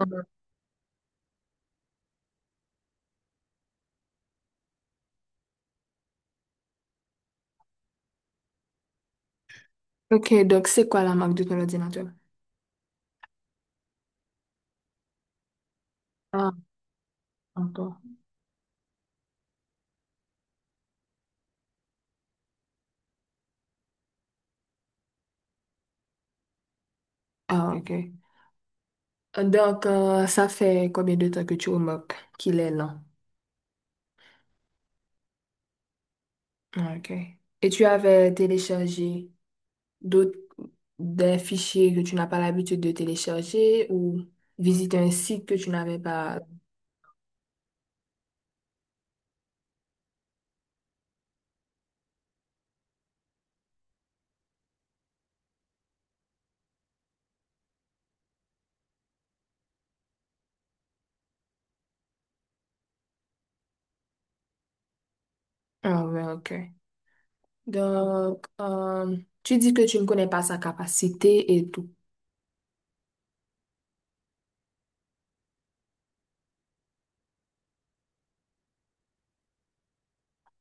Ouais. Ok, donc c'est quoi la marque de ton ordinateur? Ah, encore. Ah, ok. Donc, ça fait combien de temps que tu remarques qu'il est lent? Ah, ok. Et tu avais téléchargé d'autres des fichiers que tu n'as pas l'habitude de télécharger ou visiter un site que tu n'avais pas. Ah, ouais, ok. Donc, tu dis que tu ne connais pas sa capacité et tout.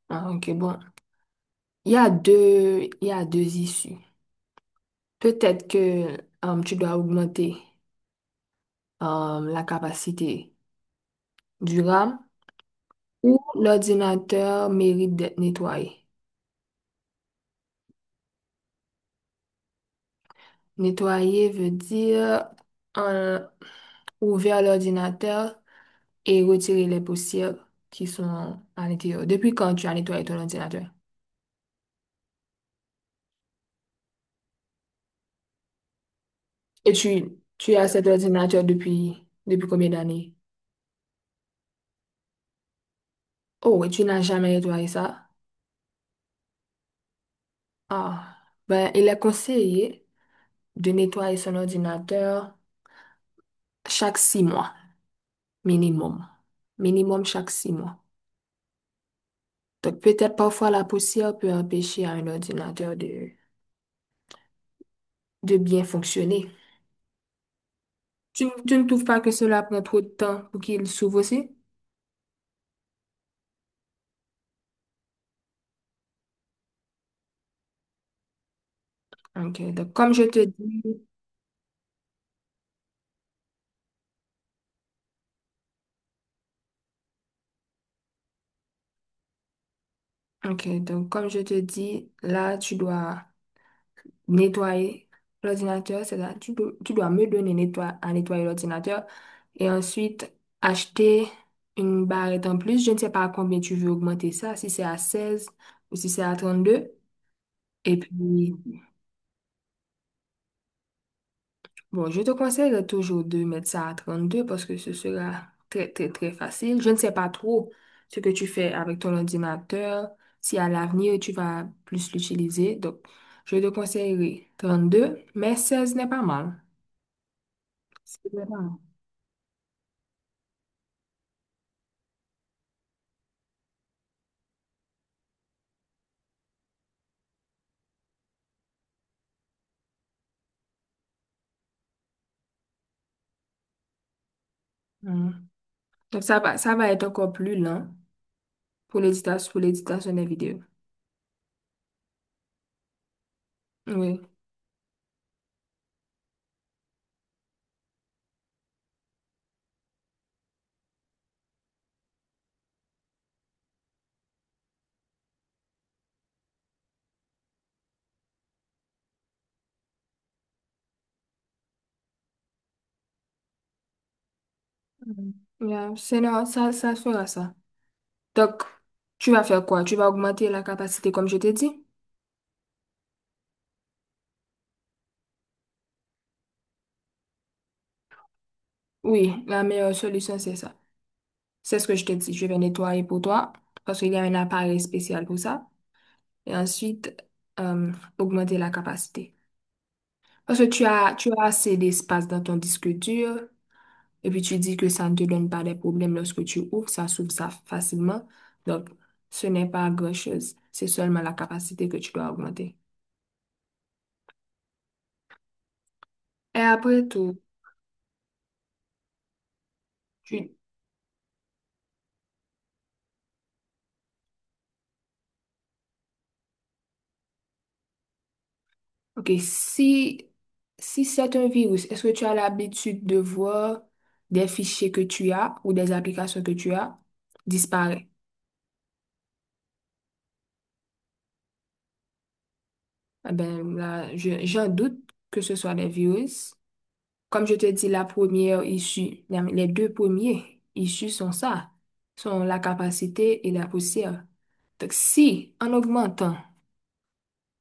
Ah, ok, bon. Il y a deux issues. Peut-être que tu dois augmenter la capacité du RAM ou l'ordinateur mérite d'être nettoyé. Nettoyer veut dire euh, ouvrir l'ordinateur et retirer les poussières qui sont à l'intérieur. Depuis quand tu as nettoyé ton ordinateur? Et tu as cet ordinateur depuis, depuis combien d'années? Oh, et tu n'as jamais nettoyé ça? Ah, ben, il est conseillé de nettoyer son ordinateur chaque 6 mois, minimum. Minimum chaque 6 mois. Donc peut-être parfois la poussière peut empêcher à un ordinateur de bien fonctionner. Tu ne trouves pas que cela prend trop de temps pour qu'il s'ouvre aussi? Ok, donc comme je te dis, ok, donc comme je te dis, là tu dois nettoyer l'ordinateur, c'est-à-dire tu dois me donner à nettoyer l'ordinateur et ensuite acheter une barrette en plus. Je ne sais pas à combien tu veux augmenter ça, si c'est à 16 ou si c'est à 32. Et puis, bon, je te conseille toujours de mettre ça à 32 parce que ce sera très, très, très facile. Je ne sais pas trop ce que tu fais avec ton ordinateur, si à l'avenir tu vas plus l'utiliser. Donc, je te conseillerais deux mais 16 n'est pas mal. C'est vrai. Mm. Donc, ça va être encore plus lent pour l'éditation des vidéos. Oui. Mm. Yeah, c'est non, ça fera ça. Donc, tu vas faire quoi? Tu vas augmenter la capacité comme je t'ai dit? Oui, la meilleure solution, c'est ça. C'est ce que je t'ai dit. Je vais nettoyer pour toi parce qu'il y a un appareil spécial pour ça. Et ensuite, euh, augmenter la capacité. Parce que tu as assez d'espace dans ton disque dur. Et puis tu dis que ça ne te donne pas des problèmes lorsque tu ouvres, ça s'ouvre ça facilement. Donc, ce n'est pas grand-chose, c'est seulement la capacité que tu dois augmenter. Et après tout, tu... Ok, si c'est un virus, est-ce que tu as l'habitude de voir des fichiers que tu as ou des applications que tu as disparaître? Eh bien, là, j'en doute que ce soit des virus. Comme je te dis, la première issue, les deux premiers issues sont ça, sont la capacité et la poussière. Donc,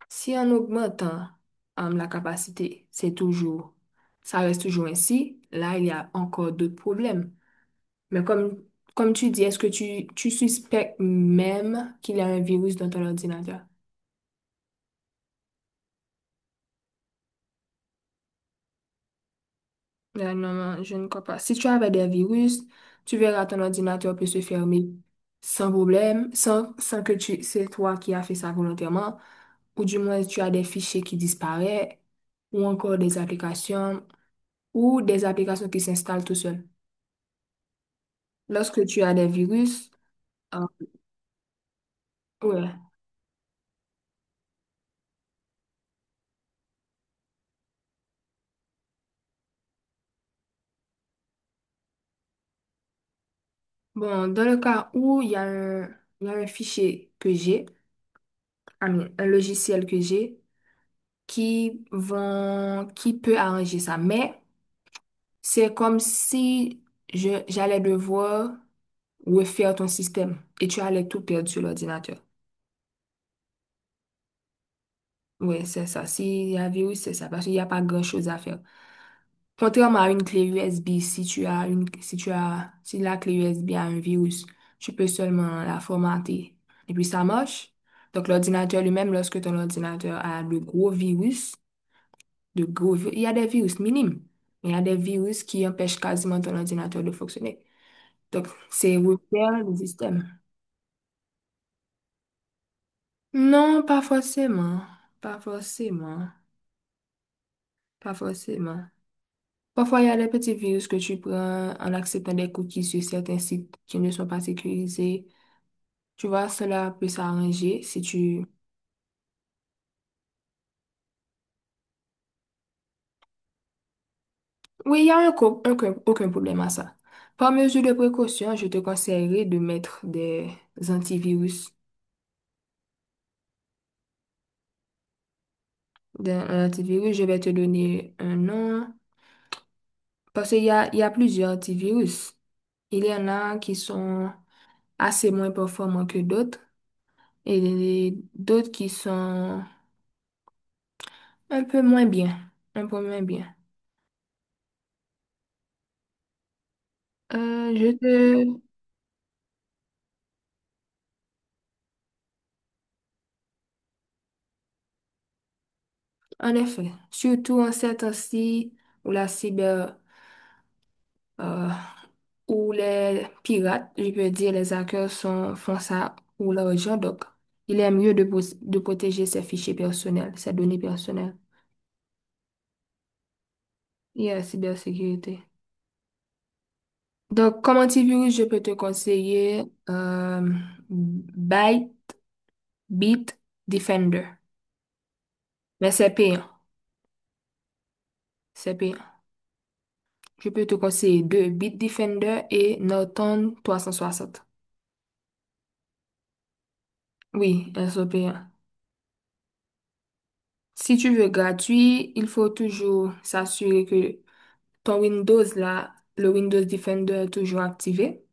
si en augmentant la capacité, c'est toujours, ça reste toujours ainsi, là, il y a encore d'autres problèmes. Mais comme tu dis, est-ce que tu suspectes même qu'il y a un virus dans ton ordinateur? Là, non, non, je ne crois pas. Si tu avais des virus, tu verras ton ordinateur peut se fermer sans problème, sans c'est toi qui as fait ça volontairement, ou du moins tu as des fichiers qui disparaissent, ou encore des applications, ou des applications qui s'installent tout seul. Lorsque tu as des virus, euh, ouais. Bon, dans le cas où il y a un fichier que j'ai, ah, mais un logiciel que j'ai, qui vont, qui peut arranger ça, mais c'est comme si j'allais devoir refaire ton système et tu allais tout perdre sur l'ordinateur. Oui, c'est ça. S'il y a un virus, c'est ça, parce qu'il n'y a pas grand-chose à faire. Contrairement à une clé USB, si tu as, si la clé USB a un virus, tu peux seulement la formater. Et puis ça marche. Donc l'ordinateur lui-même, lorsque ton ordinateur a de gros virus, il y a des virus minimes, mais il y a des virus qui empêchent quasiment ton ordinateur de fonctionner. Donc, c'est refaire le système. Non, pas forcément. Pas forcément. Pas forcément. Parfois, il y a des petits virus que tu prends en acceptant des cookies sur certains sites qui ne sont pas sécurisés. Tu vois, cela peut s'arranger si tu... Oui, il y a un co- aucun, aucun problème à ça. Par mesure de précaution, je te conseillerais de mettre des antivirus. Dans un antivirus, je vais te donner un nom parce qu'il y a plusieurs antivirus. Il y en a qui sont... assez moins performants que d'autres et d'autres qui sont un peu moins bien, un peu moins bien. Je te... En effet, surtout en ces temps-ci où euh, où les pirates, je peux dire les hackers sont, font ça pour l'argent, donc il est mieux de, de protéger ses fichiers personnels, ses données personnelles et la cybersécurité. Donc, comme antivirus, je peux te conseiller Byte Beat Defender. Mais c'est payant, c'est payant. Je peux te conseiller deux, Beat Defender et Norton 360. Oui, elles sont payantes. Si tu veux gratuit, il faut toujours s'assurer que ton Windows là, le Windows Defender est toujours activé.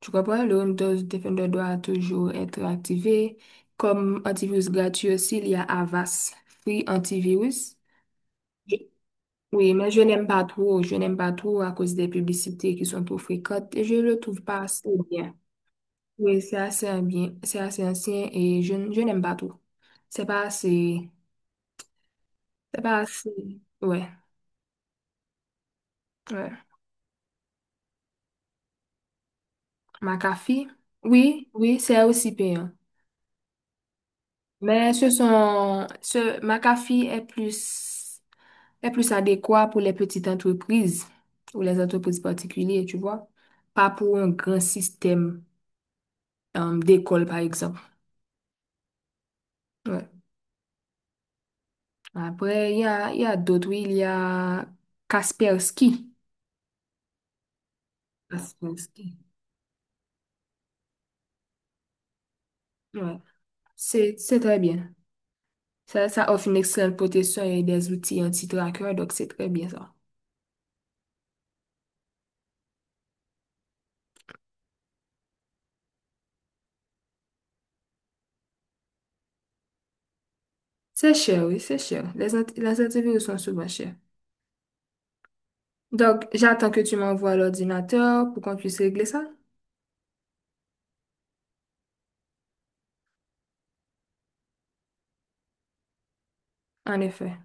Tu comprends? Le Windows Defender doit toujours être activé. Comme antivirus gratuit aussi, il y a Avast Free Antivirus. Oui, mais je n'aime pas trop. Je n'aime pas trop à cause des publicités qui sont trop fréquentes et je le trouve pas assez bien. Oui, c'est assez ancien et je n'aime pas trop. C'est pas assez, c'est pas assez. Ouais, ouais. McAfee, oui, oui, c'est aussi payant. Mais ce McAfee est plus adéquat pour les petites entreprises ou les entreprises particulières, tu vois, pas pour un grand système, d'école, par exemple. Ouais. Après, il y a d'autres, oui, il y a Kaspersky. Kaspersky. Ouais. C'est très bien. Ça offre une excellente protection et des outils anti-traqueurs, donc c'est très bien ça. C'est cher, oui, c'est cher. Les antivirus sont souvent chers. Donc, j'attends que tu m'envoies l'ordinateur pour qu'on puisse régler ça. En effet.